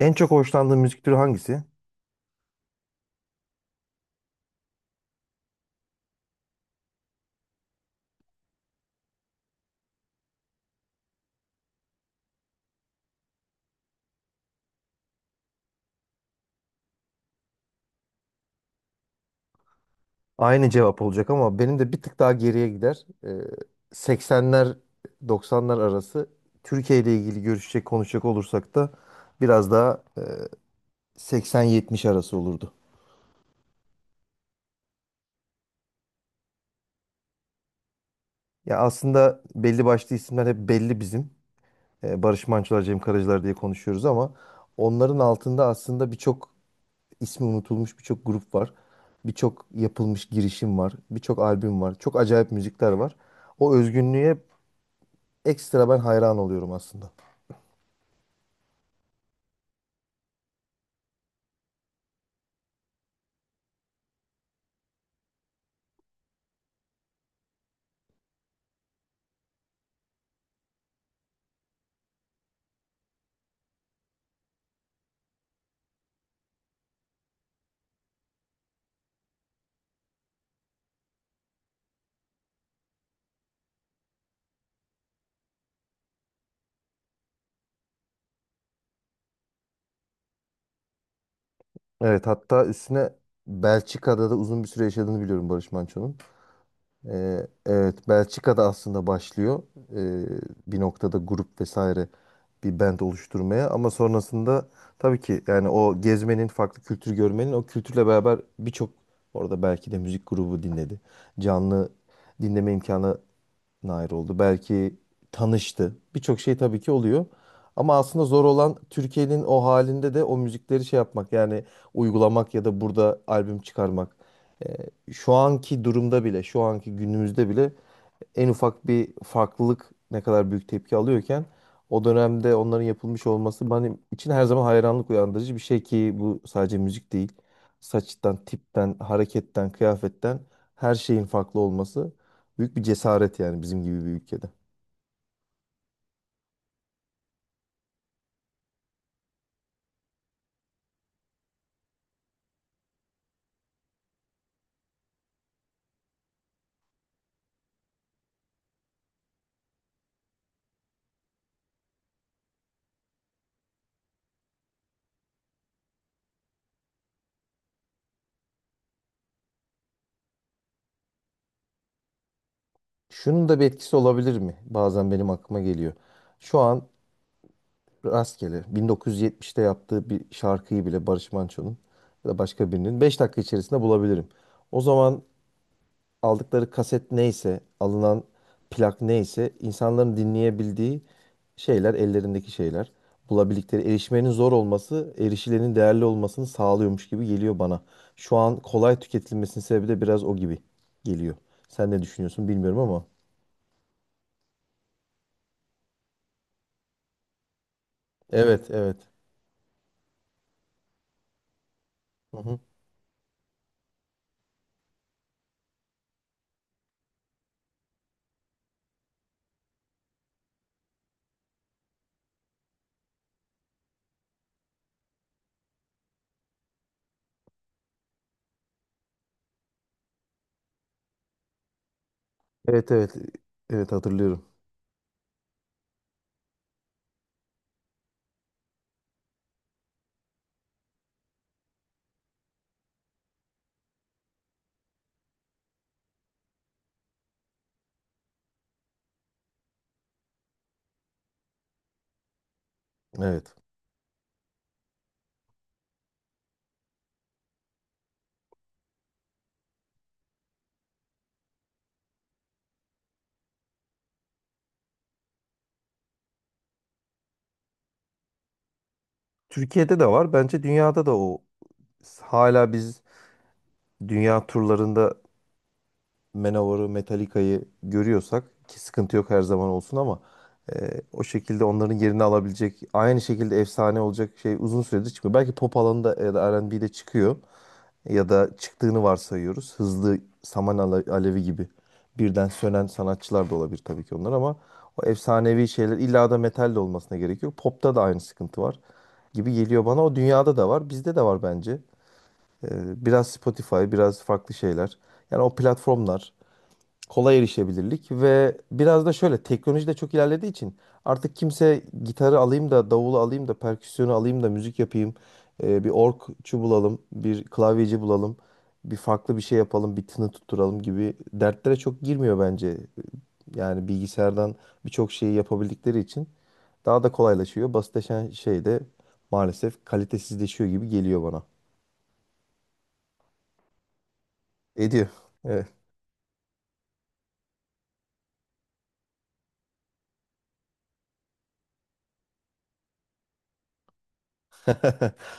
En çok hoşlandığın müzik türü hangisi? Aynı cevap olacak ama benim de bir tık daha geriye gider. 80'ler 90'lar arası Türkiye ile ilgili görüşecek konuşacak olursak da biraz daha 80-70 arası olurdu. Ya aslında belli başlı isimler hep belli bizim. Barış Manço'lar, Cem Karaca'lar diye konuşuyoruz ama onların altında aslında birçok ismi unutulmuş birçok grup var. Birçok yapılmış girişim var. Birçok albüm var. Çok acayip müzikler var. O özgünlüğe ekstra ben hayran oluyorum aslında. Evet, hatta üstüne Belçika'da da uzun bir süre yaşadığını biliyorum Barış Manço'nun. Evet, Belçika'da aslında başlıyor ee, bir noktada grup vesaire bir band oluşturmaya ama sonrasında tabii ki, yani o gezmenin, farklı kültür görmenin, o kültürle beraber birçok orada belki de müzik grubu dinledi. Canlı dinleme imkanı nair oldu. Belki tanıştı. Birçok şey tabii ki oluyor. Ama aslında zor olan Türkiye'nin o halinde de o müzikleri şey yapmak, yani uygulamak ya da burada albüm çıkarmak. Ee, şu anki durumda bile, şu anki günümüzde bile en ufak bir farklılık ne kadar büyük tepki alıyorken o dönemde onların yapılmış olması benim için her zaman hayranlık uyandırıcı bir şey ki bu sadece müzik değil. Saçtan, tipten, hareketten, kıyafetten her şeyin farklı olması büyük bir cesaret yani, bizim gibi bir ülkede. Şunun da bir etkisi olabilir mi? Bazen benim aklıma geliyor. Şu an rastgele 1970'te yaptığı bir şarkıyı bile Barış Manço'nun ya da başka birinin 5 dakika içerisinde bulabilirim. O zaman aldıkları kaset neyse, alınan plak neyse insanların dinleyebildiği şeyler, ellerindeki şeyler. Bulabildikleri, erişmenin zor olması, erişilenin değerli olmasını sağlıyormuş gibi geliyor bana. Şu an kolay tüketilmesinin sebebi de biraz o gibi geliyor. Sen ne düşünüyorsun bilmiyorum ama. Evet, evet. Hı hı. Evet, evet. Evet, hatırlıyorum. Evet. Türkiye'de de var. Bence dünyada da o hala biz dünya turlarında Manowar'ı, Metallica'yı görüyorsak ki sıkıntı yok, her zaman olsun, ama o şekilde onların yerini alabilecek, aynı şekilde efsane olacak şey uzun süredir çıkmıyor. Belki pop alanında ya da R&B'de çıkıyor ya da çıktığını varsayıyoruz. Hızlı alevi gibi birden sönen sanatçılar da olabilir tabii ki onlar ama o efsanevi şeyler illa da metal de olmasına gerek yok. Pop'ta da aynı sıkıntı var gibi geliyor bana. O, dünyada da var, bizde de var bence. E, biraz Spotify, biraz farklı şeyler. Yani o platformlar, kolay erişebilirlik ve biraz da şöyle teknoloji de çok ilerlediği için artık kimse gitarı alayım da, davulu alayım da, perküsyonu alayım da müzik yapayım, bir orgçu bulalım, bir klavyeci bulalım, bir farklı bir şey yapalım, bir tını tutturalım gibi dertlere çok girmiyor bence. Yani bilgisayardan birçok şeyi yapabildikleri için daha da kolaylaşıyor. Basitleşen şey de maalesef kalitesizleşiyor gibi geliyor bana. Ediyor. Evet.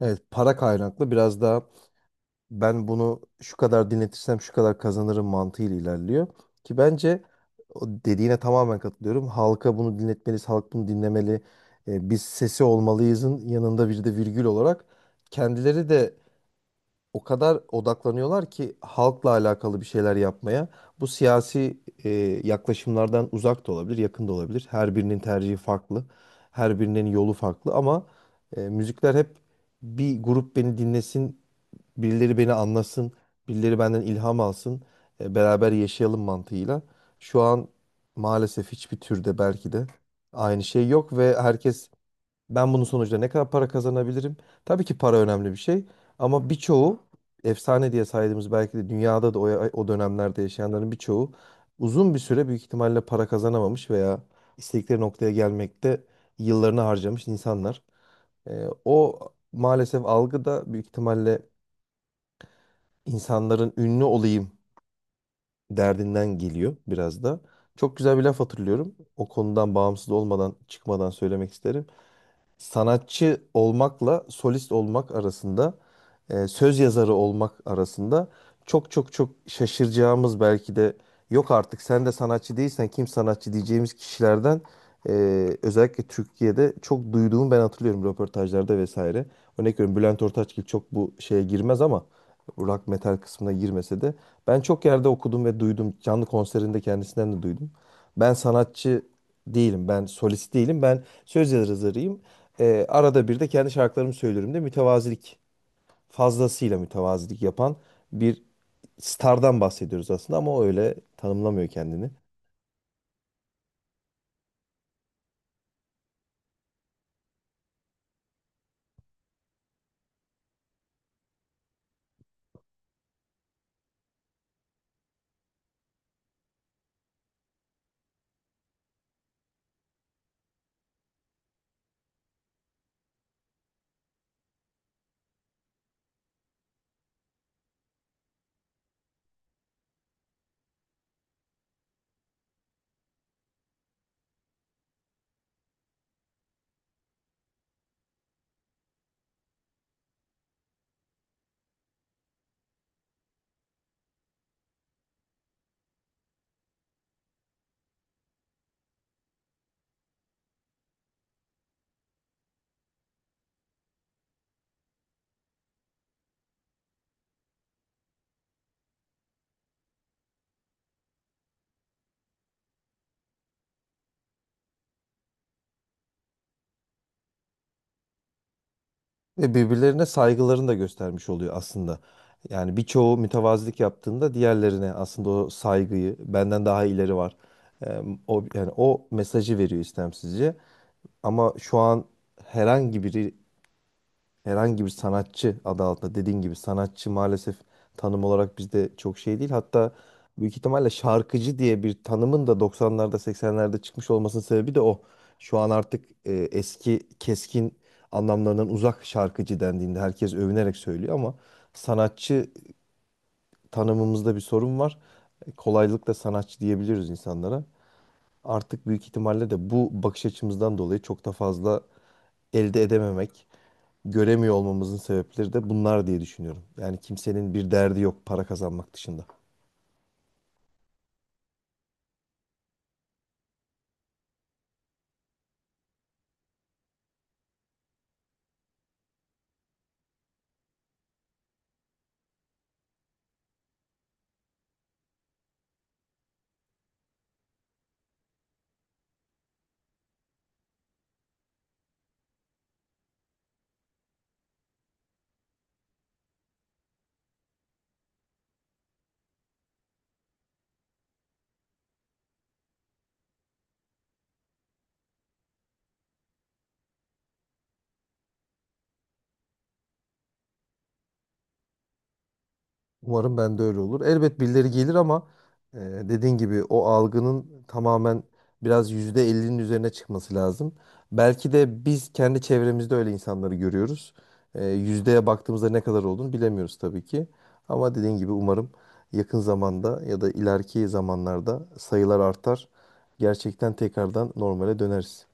Evet, para kaynaklı biraz daha ben bunu şu kadar dinletirsem şu kadar kazanırım mantığıyla ilerliyor. Ki bence o dediğine tamamen katılıyorum. Halka bunu dinletmeliyiz, halk bunu dinlemeli. E, biz sesi olmalıyızın yanında bir de virgül olarak kendileri de o kadar odaklanıyorlar ki halkla alakalı bir şeyler yapmaya. Bu siyasi yaklaşımlardan uzak da olabilir, yakın da olabilir. Her birinin tercihi farklı, her birinin yolu farklı ama müzikler hep bir grup beni dinlesin, birileri beni anlasın, birileri benden ilham alsın, beraber yaşayalım mantığıyla. Şu an maalesef hiçbir türde belki de aynı şey yok ve herkes ben bunun sonucunda ne kadar para kazanabilirim? Tabii ki para önemli bir şey ama birçoğu efsane diye saydığımız, belki de dünyada da o, o dönemlerde yaşayanların birçoğu uzun bir süre büyük ihtimalle para kazanamamış veya istedikleri noktaya gelmekte yıllarını harcamış insanlar. O maalesef algı da büyük ihtimalle insanların ünlü olayım derdinden geliyor biraz da. Çok güzel bir laf hatırlıyorum. O konudan bağımsız olmadan, çıkmadan söylemek isterim, sanatçı olmakla solist olmak arasında, söz yazarı olmak arasında çok çok çok şaşıracağımız, belki de yok artık sen de sanatçı değilsen kim sanatçı diyeceğimiz kişilerden e, özellikle Türkiye'de çok duyduğumu ben hatırlıyorum röportajlarda vesaire. Örnek veriyorum, Bülent Ortaçgil çok bu şeye girmez ama rock metal kısmına girmese de ben çok yerde okudum ve duydum. Canlı konserinde kendisinden de duydum. Ben sanatçı değilim. Ben solist değilim. Ben söz yazarıyım. Arada bir de kendi şarkılarımı söylüyorum de, mütevazilik, fazlasıyla mütevazilik yapan bir stardan bahsediyoruz aslında, ama o öyle tanımlamıyor kendini. Ve birbirlerine saygılarını da göstermiş oluyor aslında. Yani birçoğu mütevazilik yaptığında diğerlerine aslında o saygıyı benden daha ileri var. Ee, o yani o mesajı veriyor istemsizce. Ama şu an herhangi biri, herhangi bir sanatçı adı altında, dediğin gibi sanatçı maalesef tanım olarak bizde çok şey değil. Hatta büyük ihtimalle şarkıcı diye bir tanımın da 90'larda 80'lerde çıkmış olmasının sebebi de o. Şu an artık eski keskin anlamlarından uzak şarkıcı dendiğinde herkes övünerek söylüyor ama sanatçı tanımımızda bir sorun var. E, kolaylıkla sanatçı diyebiliriz insanlara artık, büyük ihtimalle de bu bakış açımızdan dolayı çok da fazla elde edememek, göremiyor olmamızın sebepleri de bunlar diye düşünüyorum. Yani kimsenin bir derdi yok para kazanmak dışında. Umarım ben de öyle olur. Elbet birileri gelir ama dediğin gibi o algının tamamen biraz %50'nin üzerine çıkması lazım. Belki de biz kendi çevremizde öyle insanları görüyoruz. Yüzdeye baktığımızda ne kadar olduğunu bilemiyoruz tabii ki. Ama dediğin gibi umarım yakın zamanda ya da ileriki zamanlarda sayılar artar. Gerçekten tekrardan normale döneriz.